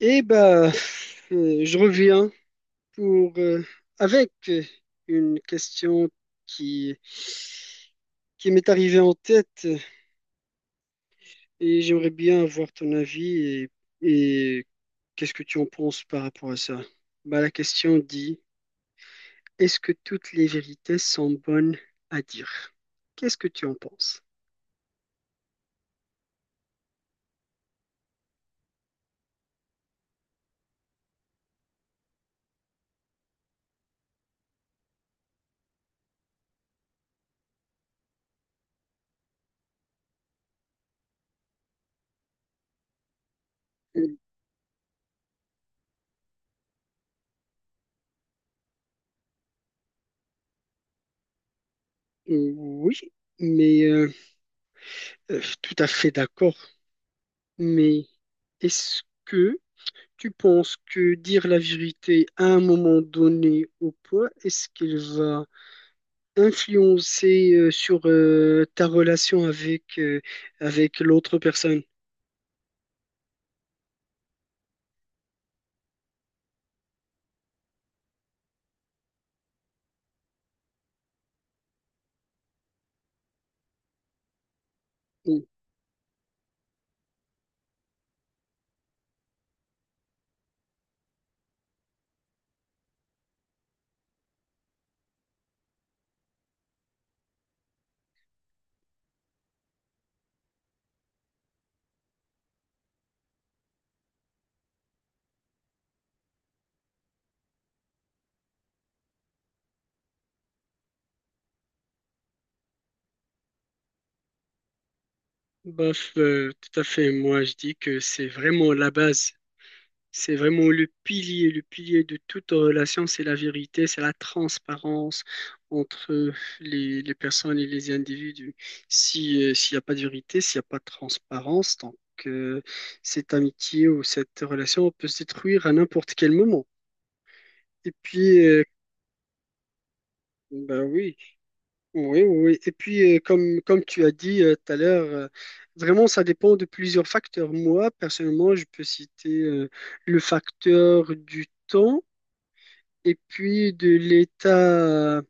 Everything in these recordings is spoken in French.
Eh ben, je reviens pour avec une question qui qui m'est arrivée en tête et j'aimerais bien avoir ton avis et qu'est-ce que tu en penses par rapport à ça? Ben, la question dit, est-ce que toutes les vérités sont bonnes à dire? Qu'est-ce que tu en penses? Euh, Oui, mais tout à fait d'accord. Mais est-ce que Tu penses que dire la vérité à un moment donné au poids, est-ce qu'il va influencer sur ta relation avec avec l'autre personne? Ou- tout à fait. Moi, je dis que c'est vraiment la base. C'est vraiment le pilier de toute relation, c'est la vérité, c'est la transparence entre les personnes et les individus. Si, s'il n'y a pas de vérité, s'il n'y a pas de transparence, donc euh, cette amitié ou cette relation peut se détruire à n'importe quel moment. Et puis, bah oui, oui, oui, oui. Et puis, comme tu as dit tout à l'heure, vraiment, ça dépend de plusieurs facteurs. Moi, personnellement, je peux citer le facteur du temps et puis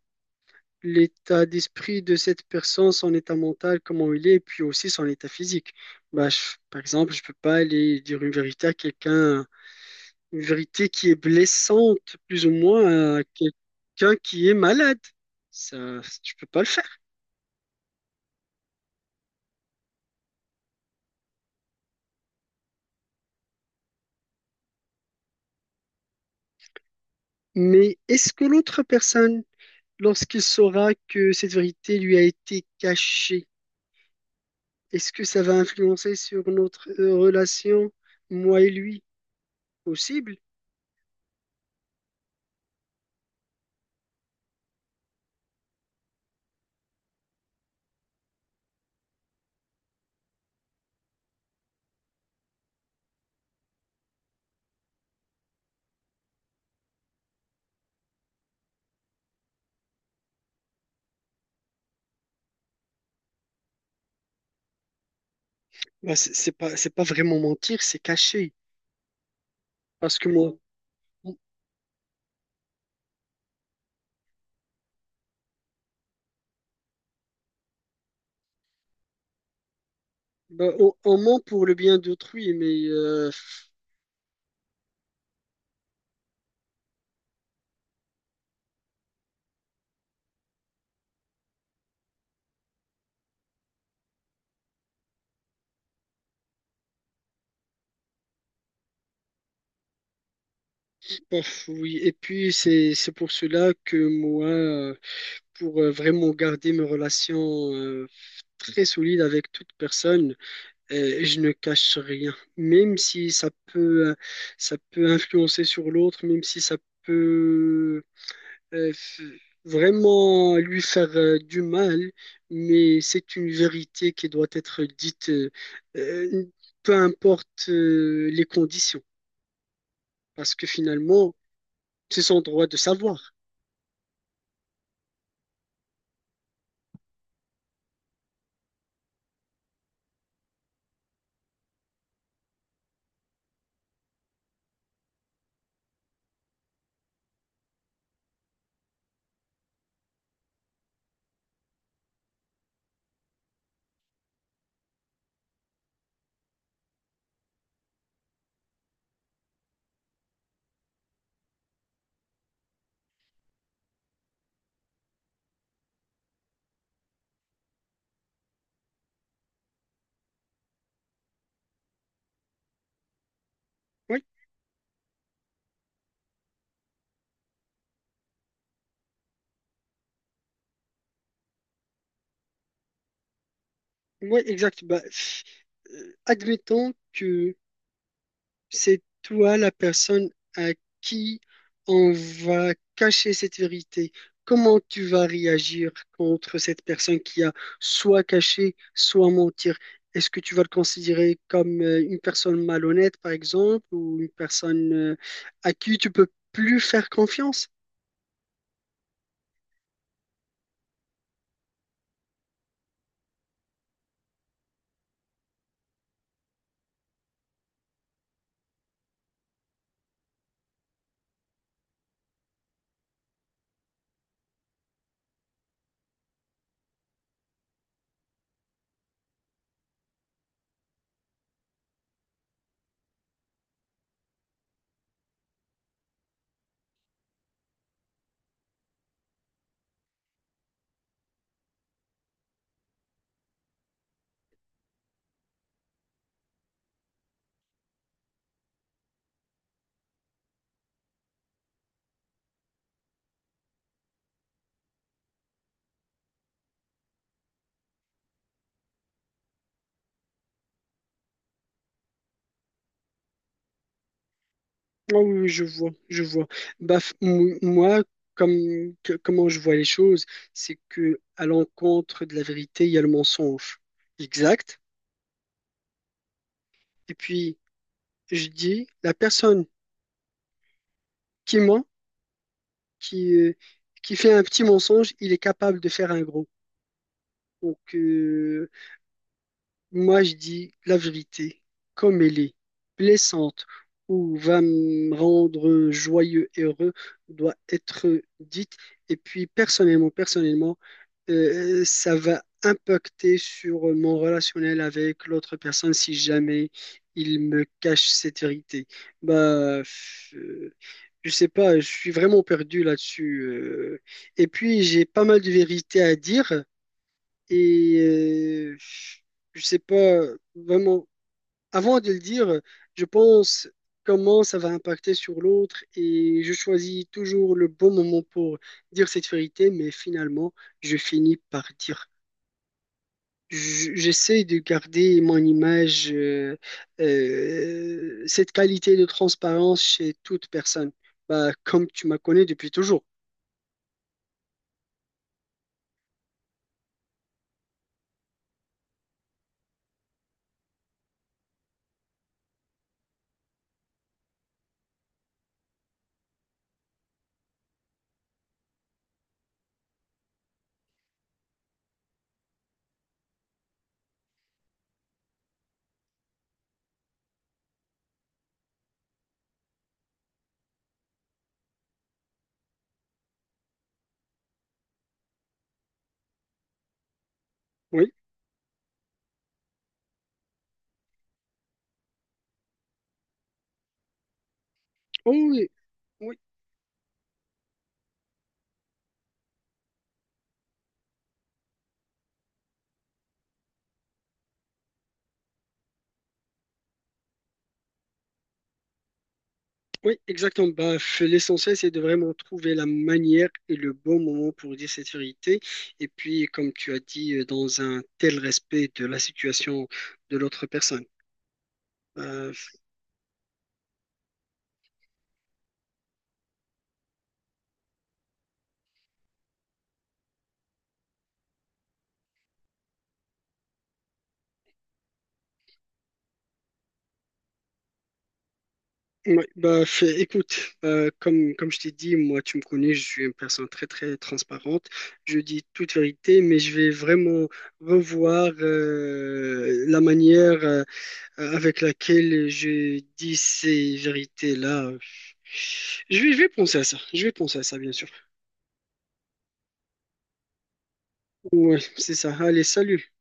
l'état d'esprit de cette personne, son état mental, comment il est, et puis aussi son état physique. Bah, par exemple, je peux pas aller dire une vérité à quelqu'un, une vérité qui est blessante, plus ou moins, à quelqu'un qui est malade. Ça, je peux pas le faire. Mais est-ce que l'autre personne, lorsqu'il saura que cette vérité lui a été cachée, est-ce que ça va influencer sur notre relation, moi et lui? Possible. Bah, c'est pas vraiment mentir, c'est cacher. Parce que moi, on, bah, on ment pour le bien d'autrui, mais oui. Et puis, c'est pour cela que moi, pour vraiment garder mes relations très solides avec toute personne, je ne cache rien. Même si ça peut, ça peut influencer sur l'autre, même si ça peut euh, f- vraiment lui faire du mal, mais c'est une vérité qui doit être dite, euh, peu importe les conditions, parce que finalement, c'est son droit de savoir. Oui, oui, exact. Bah, admettons que c'est toi la personne à qui on va cacher cette vérité. Comment tu vas réagir contre cette personne qui a soit caché, soit mentir? Est-ce que tu vas le considérer comme une personne malhonnête, par exemple, ou une personne à qui tu peux plus faire confiance? Ah oui, oui, je vois, je vois. Bah, moi, comment je vois les choses, c'est que à l'encontre de la vérité, il y a le mensonge. Exact. Et puis, je dis, la personne qui ment, qui, euh, qui fait un petit mensonge, il est capable de faire un gros. Donc, moi, je dis la vérité, comme elle est, blessante ou va me rendre joyeux et heureux, doit être dite. Et puis, personnellement, personnellement, ça va impacter sur mon relationnel avec l'autre personne si jamais il me cache cette vérité. Bah, je sais pas, je suis vraiment perdu là-dessus. Et puis, j'ai pas mal de vérités à dire et je sais pas vraiment. Avant de le dire, je pense comment ça va impacter sur l'autre et je choisis toujours le bon moment pour dire cette vérité, mais finalement, je finis par J'essaie de garder mon image, cette qualité de transparence chez toute personne. Bah, comme tu m'as connu depuis toujours. Oui, Oh, oui, oui, oui, exactement. Bah, l'essentiel, c'est de vraiment trouver la manière et le bon moment pour dire cette vérité. Et puis, comme tu as dit, dans un tel respect de la situation de l'autre personne. Bah, ouais, bah, écoute, comme je t'ai dit, moi, tu me connais, je suis une personne très, très transparente. Je dis toute vérité, mais je vais vraiment revoir la manière avec laquelle je dis ces vérités-là. Je vais penser à ça, je vais penser à ça, bien sûr. Ouais, c'est ça. Allez, salut.